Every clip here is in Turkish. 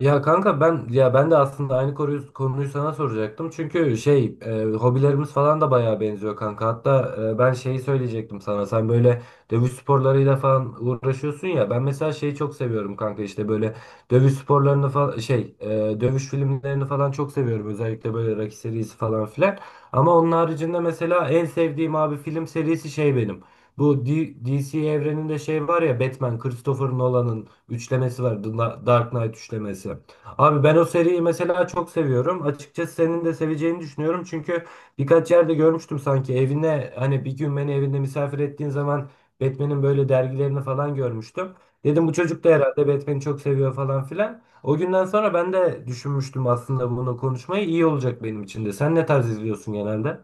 Ya kanka ben de aslında aynı konuyu sana soracaktım. Çünkü hobilerimiz falan da bayağı benziyor kanka. Hatta ben şeyi söyleyecektim sana. Sen böyle dövüş sporlarıyla falan uğraşıyorsun ya. Ben mesela şeyi çok seviyorum kanka işte böyle dövüş sporlarını falan dövüş filmlerini falan çok seviyorum. Özellikle böyle Rocky serisi falan filan. Ama onun haricinde mesela en sevdiğim abi film serisi şey benim. Bu DC evreninde şey var ya Batman, Christopher Nolan'ın üçlemesi var. The Dark Knight üçlemesi. Abi ben o seriyi mesela çok seviyorum. Açıkçası senin de seveceğini düşünüyorum. Çünkü birkaç yerde görmüştüm sanki evine hani bir gün beni evinde misafir ettiğin zaman Batman'in böyle dergilerini falan görmüştüm. Dedim bu çocuk da herhalde Batman'i çok seviyor falan filan. O günden sonra ben de düşünmüştüm aslında bunu konuşmayı. İyi olacak benim için de. Sen ne tarz izliyorsun genelde?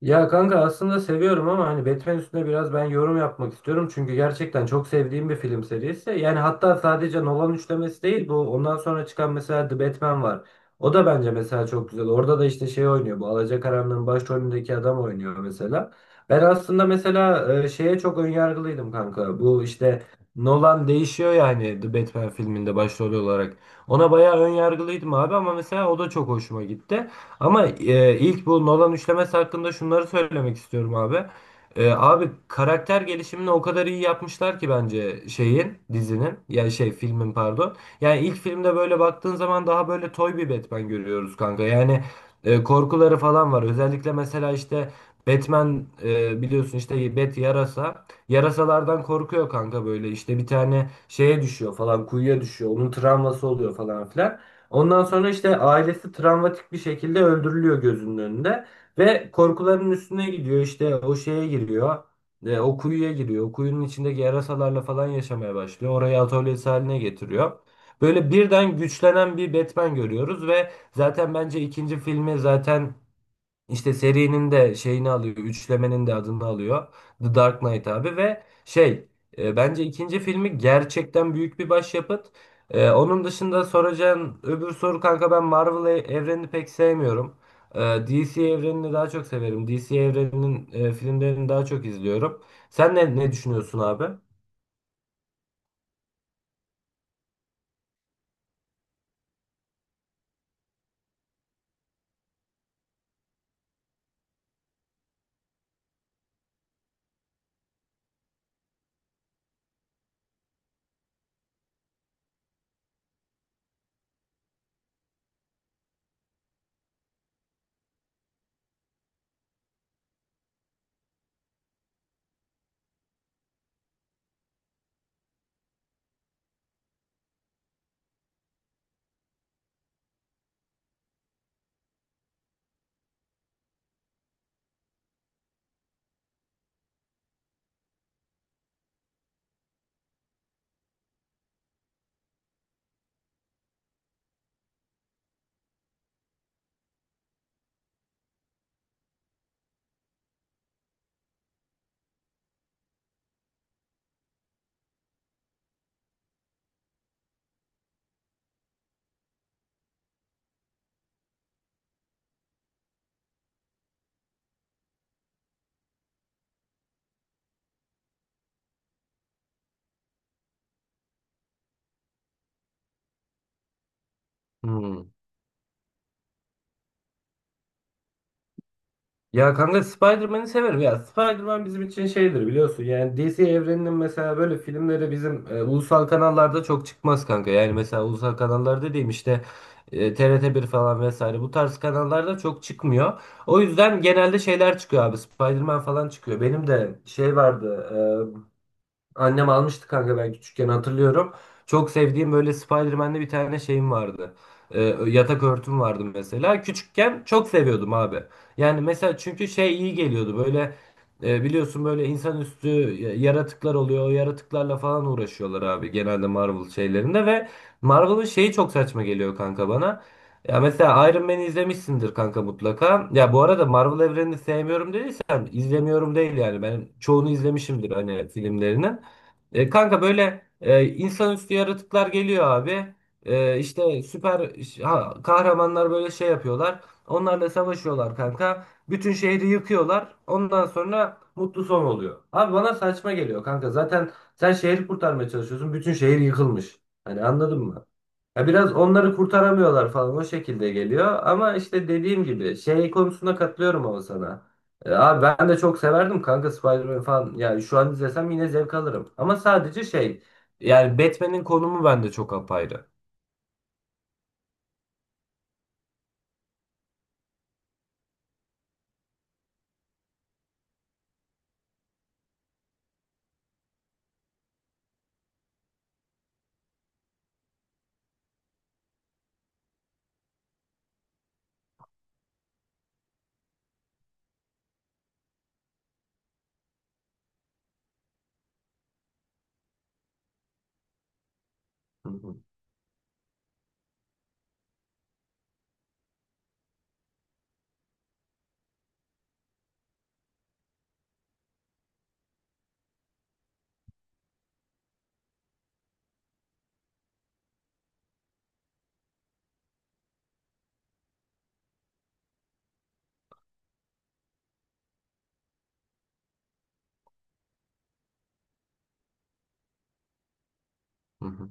Ya kanka aslında seviyorum ama hani Batman üstüne biraz ben yorum yapmak istiyorum. Çünkü gerçekten çok sevdiğim bir film serisi. Yani hatta sadece Nolan üçlemesi değil bu. Ondan sonra çıkan mesela The Batman var. O da bence mesela çok güzel. Orada da işte şey oynuyor. Bu Alacakaranlığın başrolündeki adam oynuyor mesela. Ben aslında mesela şeye çok önyargılıydım kanka. Bu işte Nolan değişiyor yani The Batman filminde başrol olarak. Ona bayağı önyargılıydım abi ama mesela o da çok hoşuma gitti. Ama ilk bu Nolan üçlemesi hakkında şunları söylemek istiyorum abi. Abi karakter gelişimini o kadar iyi yapmışlar ki bence şeyin dizinin ya şey filmin pardon. Yani ilk filmde böyle baktığın zaman daha böyle toy bir Batman görüyoruz kanka. Yani korkuları falan var. Özellikle mesela işte Batman biliyorsun işte Bat yarasa. Yarasalardan korkuyor kanka böyle işte bir tane şeye düşüyor falan kuyuya düşüyor. Onun travması oluyor falan filan. Ondan sonra işte ailesi travmatik bir şekilde öldürülüyor gözünün önünde. Ve korkuların üstüne gidiyor işte o şeye giriyor. O kuyuya giriyor. O kuyunun içindeki yarasalarla falan yaşamaya başlıyor. Orayı atölyesi haline getiriyor. Böyle birden güçlenen bir Batman görüyoruz ve zaten bence ikinci filmi zaten işte serinin de şeyini alıyor, üçlemenin de adını alıyor. The Dark Knight abi ve bence ikinci filmi gerçekten büyük bir başyapıt. Onun dışında soracağın öbür soru kanka ben Marvel evrenini pek sevmiyorum. E, DC evrenini daha çok severim. DC evreninin filmlerini daha çok izliyorum. Sen ne düşünüyorsun abi? Hmm. Ya kanka Spider-Man'i severim ya. Spider-Man bizim için şeydir biliyorsun. Yani DC evreninin mesela böyle filmleri bizim ulusal kanallarda çok çıkmaz kanka. Yani mesela ulusal kanallar dediğim işte TRT1 falan vesaire bu tarz kanallarda çok çıkmıyor. O yüzden genelde şeyler çıkıyor abi. Spider-Man falan çıkıyor. Benim de şey vardı. e, Annem almıştı kanka ben küçükken hatırlıyorum. Çok sevdiğim böyle Spider-Man'de bir tane şeyim vardı. Ee, Yatak örtüm vardı mesela. Küçükken çok seviyordum abi. Yani mesela çünkü şey iyi geliyordu böyle biliyorsun böyle insanüstü yaratıklar oluyor. O yaratıklarla falan uğraşıyorlar abi genelde Marvel şeylerinde ve Marvel'ın şeyi çok saçma geliyor kanka bana. Ya mesela Iron Man'i izlemişsindir kanka mutlaka. Ya bu arada Marvel evrenini sevmiyorum dediysen izlemiyorum değil yani. Ben çoğunu izlemişimdir hani filmlerini. Kanka böyle insanüstü yaratıklar geliyor abi. İşte süper kahramanlar böyle şey yapıyorlar. Onlarla savaşıyorlar kanka. Bütün şehri yıkıyorlar. Ondan sonra mutlu son oluyor. Abi bana saçma geliyor kanka. Zaten sen şehri kurtarmaya çalışıyorsun. Bütün şehir yıkılmış. Hani anladın mı? Ya biraz onları kurtaramıyorlar falan o şekilde geliyor. Ama işte dediğim gibi şey konusunda katılıyorum ama sana. Abi ben de çok severdim kanka Spider-Man falan. Yani şu an izlesem yine zevk alırım. Ama sadece şey yani Batman'in konumu bende çok apayrı. Hı hı. Hı hı.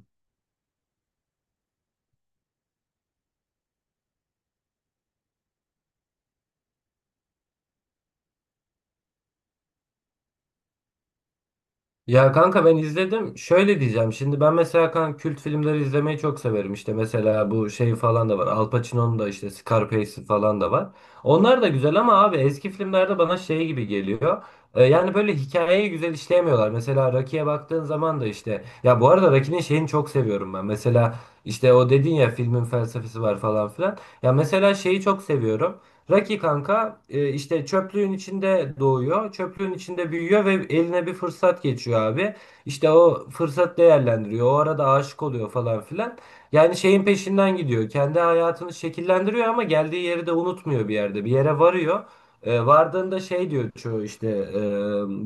Ya kanka ben izledim. Şöyle diyeceğim. Şimdi ben mesela kanka kült filmleri izlemeyi çok severim. İşte mesela bu şey falan da var. Al Pacino'nun da işte Scarface'i falan da var. Onlar da güzel ama abi eski filmlerde bana şey gibi geliyor. Yani böyle hikayeyi güzel işleyemiyorlar. Mesela Rocky'ye baktığın zaman da işte ya bu arada Rocky'nin şeyini çok seviyorum ben. Mesela işte o dedin ya filmin felsefesi var falan filan. Ya mesela şeyi çok seviyorum. Raki kanka işte çöplüğün içinde doğuyor, çöplüğün içinde büyüyor ve eline bir fırsat geçiyor abi. İşte o fırsat değerlendiriyor, o arada aşık oluyor falan filan. Yani şeyin peşinden gidiyor, kendi hayatını şekillendiriyor ama geldiği yeri de unutmuyor bir yerde, bir yere varıyor. Vardığında şey diyor çoğu işte e,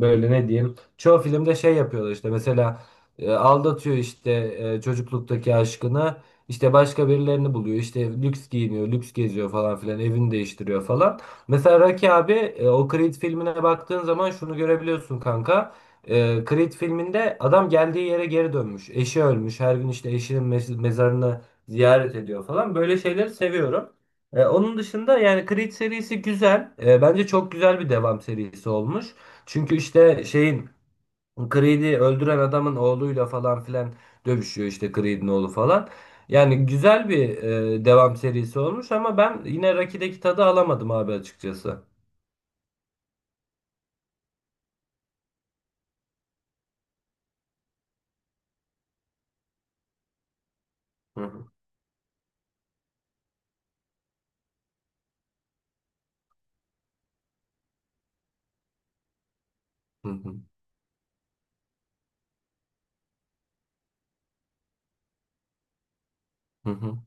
böyle ne diyeyim, çoğu filmde şey yapıyorlar işte mesela aldatıyor işte çocukluktaki aşkını. İşte başka birilerini buluyor. İşte lüks giyiniyor, lüks geziyor falan filan. Evini değiştiriyor falan. Mesela Rocky abi o Creed filmine baktığın zaman şunu görebiliyorsun kanka. Creed filminde adam geldiği yere geri dönmüş. Eşi ölmüş. Her gün işte eşinin mezarını ziyaret ediyor falan. Böyle şeyleri seviyorum. Onun dışında yani Creed serisi güzel. Bence çok güzel bir devam serisi olmuş. Çünkü işte şeyin Creed'i öldüren adamın oğluyla falan filan dövüşüyor işte Creed'in oğlu falan. Yani güzel bir devam serisi olmuş ama ben yine Rocky'deki tadı alamadım abi açıkçası. Hı hı. Hı hı. Hı hı.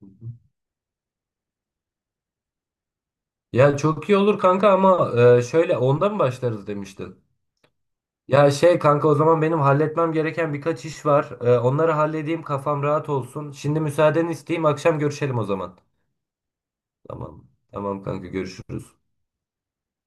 Hı hı. Ya çok iyi olur kanka ama şöyle 10'da mı başlarız demiştin? Ya şey kanka o zaman benim halletmem gereken birkaç iş var. Onları halledeyim kafam rahat olsun. Şimdi müsaadeni isteyeyim akşam görüşelim o zaman. Tamam. Tamam kanka görüşürüz.